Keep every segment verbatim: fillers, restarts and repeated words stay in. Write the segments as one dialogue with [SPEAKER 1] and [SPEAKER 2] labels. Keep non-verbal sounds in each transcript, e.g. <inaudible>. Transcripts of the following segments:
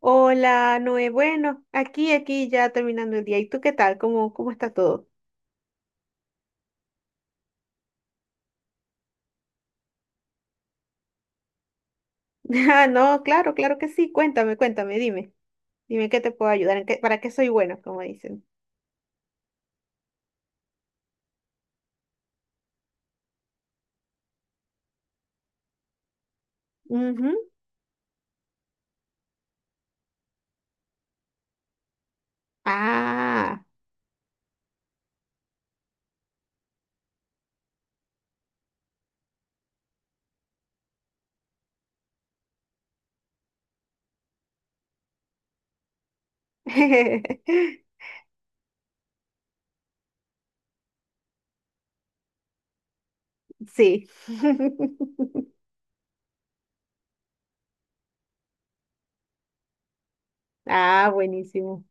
[SPEAKER 1] Hola, Noé. Bueno, aquí, aquí ya terminando el día. ¿Y tú qué tal? ¿Cómo, cómo está todo? <laughs> Ah, no, claro, claro que sí. Cuéntame, cuéntame, dime. Dime qué te puedo ayudar, en qué- para qué soy buena, como dicen. Ujú. Ah, <laughs> sí. <laughs> Ah, buenísimo.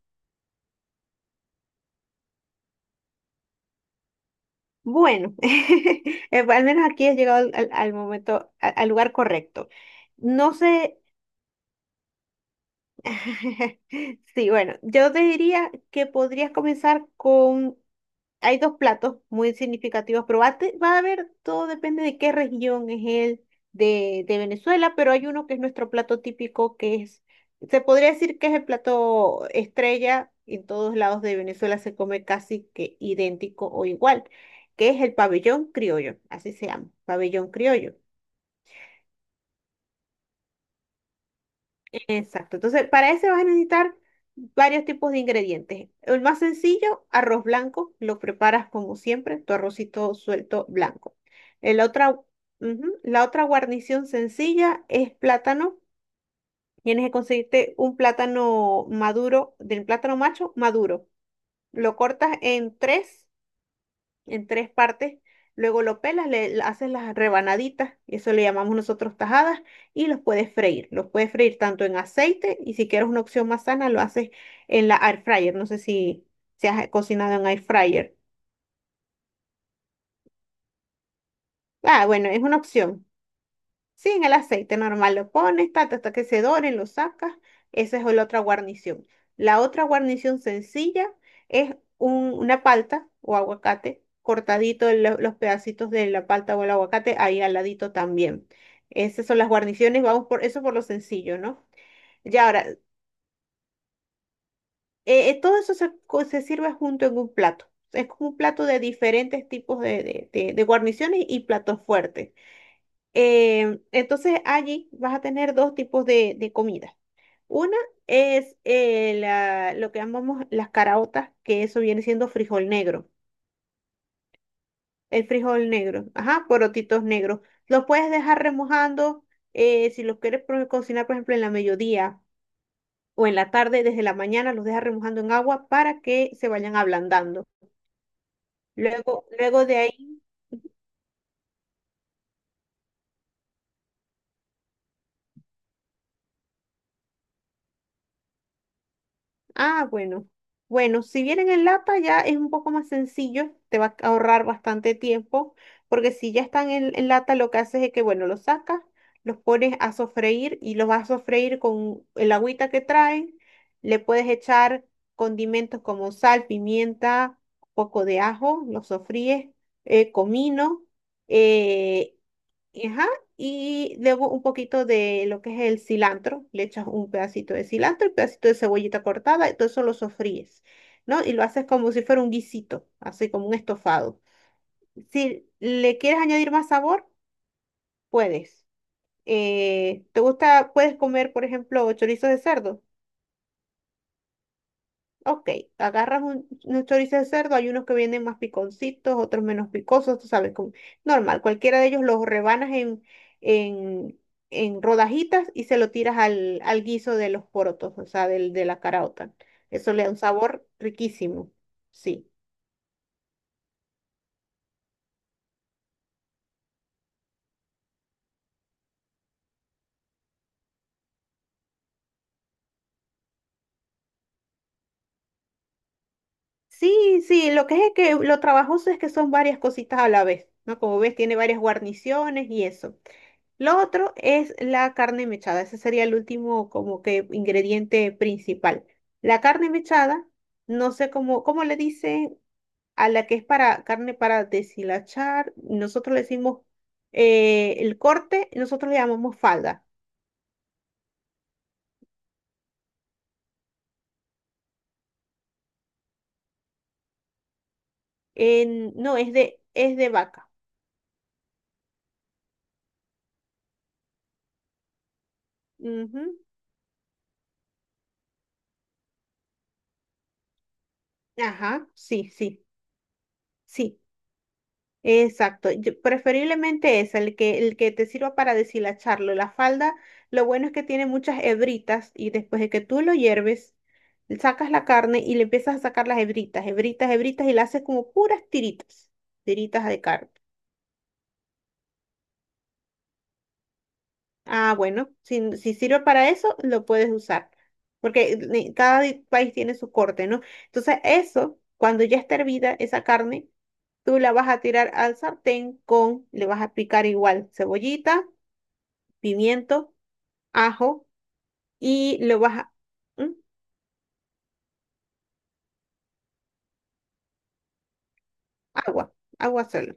[SPEAKER 1] Bueno, <laughs> eh, al menos aquí has llegado al, al- al momento, a- al lugar correcto. No sé, <laughs> sí, bueno, yo te diría que podrías comenzar con. Hay dos platos muy significativos, pero va a, te- va a haber, todo depende de qué región es el de, de Venezuela, pero hay uno que es nuestro plato típico, que es, se podría decir que es el plato estrella, en todos lados de Venezuela se come casi que idéntico o igual, que es el pabellón criollo, así se llama, pabellón criollo. Exacto. Entonces, para ese vas a necesitar varios tipos de ingredientes. El más sencillo, arroz blanco, lo preparas como siempre, tu arrocito suelto blanco. El otra, Ujú. La otra guarnición sencilla es plátano. Tienes que conseguirte un plátano maduro, del plátano macho maduro. Lo cortas en tres en tres partes. Luego lo pelas, le haces las rebanaditas, eso le llamamos nosotros tajadas, y los puedes freír. Los puedes freír tanto en aceite y si quieres una opción más sana, lo haces en la air fryer. No sé si, si has cocinado en air fryer. Ah, bueno, es una opción. Sí, en el aceite normal lo pones, tata, hasta que se doren, lo sacas. Esa es la otra guarnición. La otra guarnición sencilla es un- una palta o aguacate, cortadito lo- los pedacitos de la palta o el aguacate ahí al ladito también. Esas son las guarniciones, vamos por eso por lo sencillo, ¿no? Ya ahora, eh, eh, todo eso se, co- se sirve junto en un plato. Es como un plato de diferentes tipos de, de de- de guarniciones y platos fuertes. Em, entonces allí vas a tener dos tipos de, de comida. Una es eh, la- lo que llamamos las caraotas, que eso viene siendo frijol negro. El frijol negro, ajá, porotitos negros. Los puedes dejar remojando, eh, si los quieres pro- cocinar, por ejemplo, en la mediodía o en la tarde, desde la mañana los dejas remojando en agua para que se vayan ablandando. Luego, luego de ahí. Ah, bueno. Bueno, si vienen en lata ya es un poco más sencillo, te va a ahorrar bastante tiempo, porque si ya están en, en lata, lo que haces es que, bueno, los sacas, los pones a sofreír y los vas a sofreír con el agüita que traen. Le puedes echar condimentos como sal, pimienta, poco de ajo, los sofríes, eh, comino. eh, Ajá, y luego un poquito de lo que es el cilantro, le echas un pedacito de cilantro, un pedacito de cebollita cortada, y todo eso lo sofríes, ¿no? Y lo haces como si fuera un guisito, así como un estofado. Si le quieres añadir más sabor, puedes. Eh, ¿te gusta, puedes comer, por ejemplo, chorizo de cerdo? Ok, agarras un, un chorizo de cerdo, hay unos que vienen más piconcitos, otros menos picosos, tú sabes, como, normal, cualquiera de ellos los rebanas en, en, en rodajitas y se lo tiras al, al guiso de los porotos, o sea, del, de la caraota. Eso le da un sabor riquísimo, sí. Sí, sí, lo que es es que lo trabajoso es que son varias cositas a la vez, ¿no? Como ves, tiene varias guarniciones y eso. Lo otro es la carne mechada. Ese sería el último como que ingrediente principal. La carne mechada, no sé cómo, cómo le dicen a la que es para carne para deshilachar. Nosotros le decimos, eh, el corte, nosotros le llamamos falda. En- no, es de, es de, vaca. Ujú. Ajá, sí, sí, sí. Exacto, yo- preferiblemente es el que, el que te sirva para deshilacharlo. La falda, lo bueno es que tiene muchas hebritas y después de que tú lo hierves, sacas la carne y le empiezas a sacar las hebritas, hebritas, hebritas y la haces como puras tiritas, tiritas de carne. Ah, bueno, si, si sirve para eso, lo puedes usar, porque ni- cada di- país tiene su corte, ¿no? Entonces, eso, cuando ya está hervida esa carne, tú la vas a tirar al sartén con, le vas a picar igual cebollita, pimiento, ajo y lo vas a. ¿Mm? Agua, agua solo.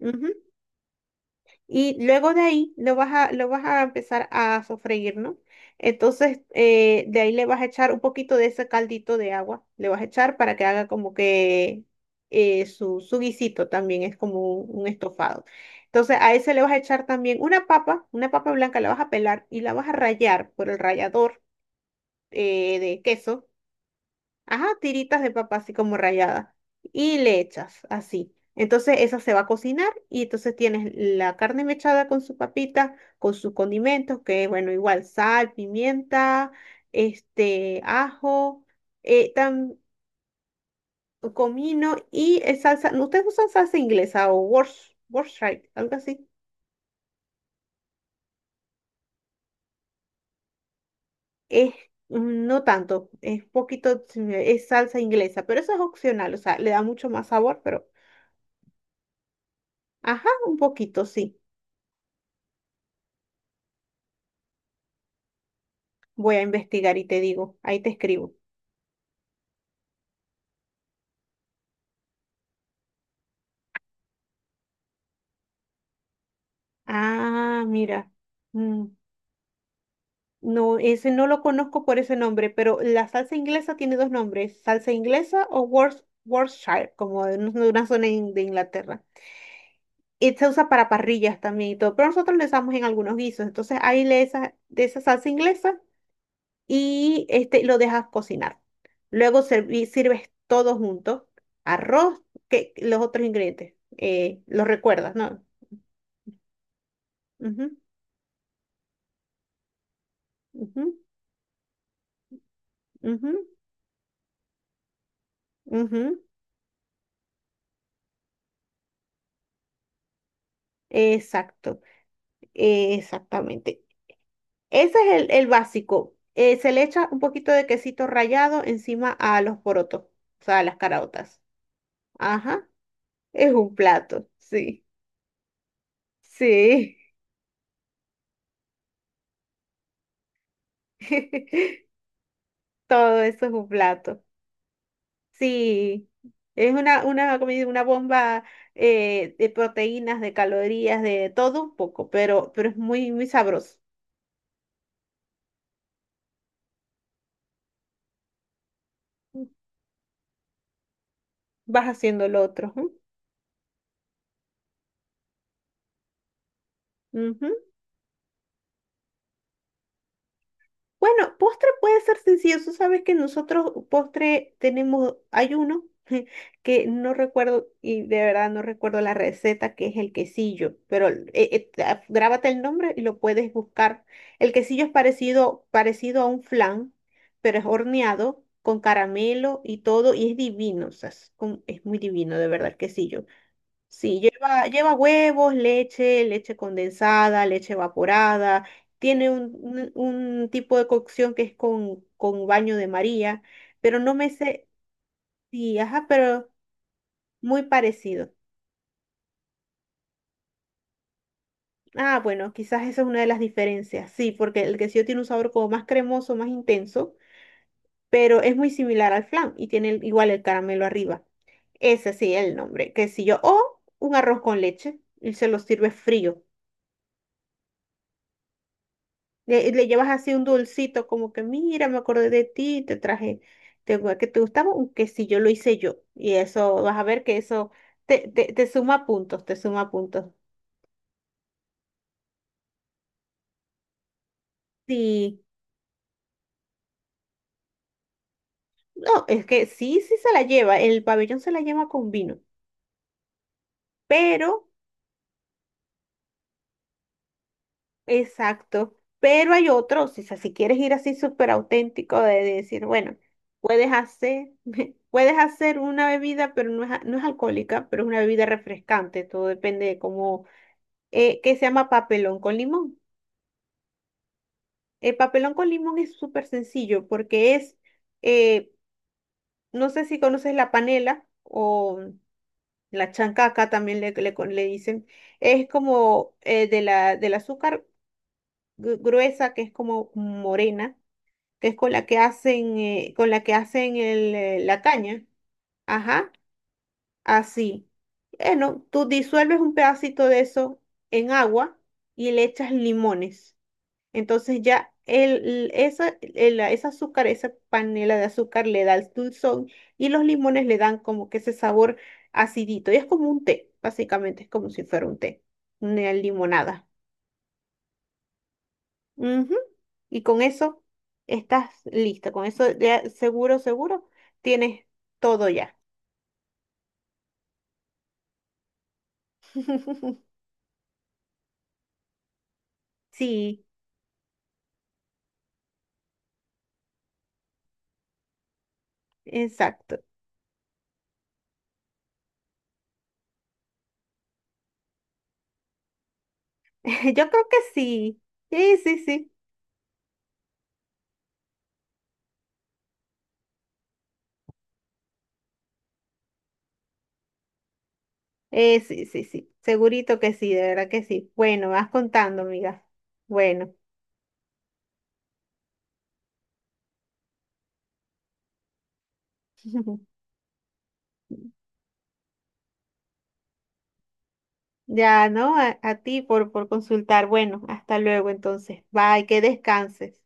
[SPEAKER 1] Ujú. Y luego de ahí lo vas a, lo vas a empezar a sofreír, ¿no? Entonces, eh, de ahí le vas a echar un poquito de ese caldito de agua, le vas a echar para que haga como que, eh, su, su guisito también es como un, un estofado. Entonces, a ese le vas a echar también una papa, una papa blanca, la vas a pelar y la vas a rallar por el rallador, eh, de queso. Ajá, tiritas de papa así como ralladas. Y le echas así. Entonces esa se va a cocinar y entonces tienes la carne mechada con su papita, con sus condimentos, que bueno, igual sal, pimienta, este, ajo, eh, tam- comino y eh, salsa. ¿No? ¿Ustedes usan salsa inglesa o Worcestershire, Worcestershire, algo así? Es, mm, no tanto, es poquito, sí, es salsa inglesa, pero eso es opcional, o sea, le da mucho más sabor, pero ajá, un poquito, sí. Voy a investigar y te digo, ahí te escribo. Ah, mira. mm, No, ese no lo conozco por ese nombre, pero la salsa inglesa tiene dos nombres, salsa inglesa o Worc- Worcestershire, como de un- de una zona in- de Inglaterra. Y se usa para parrillas también y todo, pero nosotros le usamos en algunos guisos. Entonces ahí le esa, de esa salsa inglesa y este, lo dejas cocinar. Luego serví- sirves todo junto, arroz, que, los otros ingredientes. eh, los recuerdas, ¿no? Ujú, ujú. Ujú, ujú, Exacto, eh, exactamente. Ese es el, el básico. Eh, se le echa un poquito de quesito rallado encima a los porotos, o sea, a las caraotas. Ajá, es un plato, sí, sí. <laughs> Todo eso es un plato. Sí, es una, una, comida- una bomba, eh, de proteínas, de calorías, de todo un poco, pero, pero es muy, muy sabroso. Vas haciendo lo otro. Ujú, ujú. Bueno, postre puede ser sencillo. Tú sabes que nosotros postre tenemos, hay uno <laughs> que no recuerdo y de verdad no recuerdo la receta, que es el quesillo, pero eh, eh, ah, grábate el nombre y lo puedes buscar. El quesillo es parecido, parecido a un flan, pero es horneado con caramelo y todo y es divino, o sea, es, como- es muy divino de verdad el quesillo. Sí, lleva, lleva huevos, leche, leche condensada, leche evaporada. Tiene un, un- un tipo de cocción que es con, con baño de María, pero no me sé, sí, ajá, pero muy parecido. Ah, bueno, quizás esa es una de las diferencias, sí, porque el quesillo tiene un sabor como más cremoso, más intenso, pero es muy similar al flan y tiene el- igual el caramelo arriba. Ese sí es el nombre, quesillo. O un arroz con leche y se lo sirve frío. Le, le llevas así un dulcito, como que mira, me acordé de ti, te traje, te, gu- que te gustaba, aunque si yo lo hice yo. Y eso, vas a ver que eso te, te, te suma puntos, te suma puntos. Sí, no, es que sí, sí se la lleva, el pabellón se la lleva con vino, pero, exacto, pero hay otros, o sea, si quieres ir así súper auténtico de, de decir, bueno, puedes hacer, <laughs> puedes hacer una bebida, pero no es, a- no es alcohólica, pero es una bebida refrescante, todo depende de cómo, eh, que se llama papelón con limón. El papelón con limón es súper sencillo porque es, eh, no sé si conoces la panela o la chancaca también le, le, con- le dicen, es como, eh, de la, del azúcar gru- gruesa que es como morena, que es con la que hacen, eh, con la que hacen el, eh, la caña. Ajá, así. Bueno, tú disuelves un pedacito de eso en agua y le echas limones. Entonces ya el, esa, el- ese azúcar, esa panela de azúcar le da el dulzón y los limones le dan como que ese sabor acidito. Y es como un té, básicamente, es como si fuera un té, una limonada. Ujú. Y con eso estás lista, con eso ya seguro, seguro, tienes todo ya. <laughs> Sí, exacto. <laughs> Yo creo que sí. Sí, sí, sí. Eh, sí, sí, sí, segurito que sí, de verdad que sí. Bueno, vas contando, amiga. Bueno, <laughs> ya, ¿no? A, a ti por, por consultar. Bueno, hasta luego entonces. Bye, que descanses.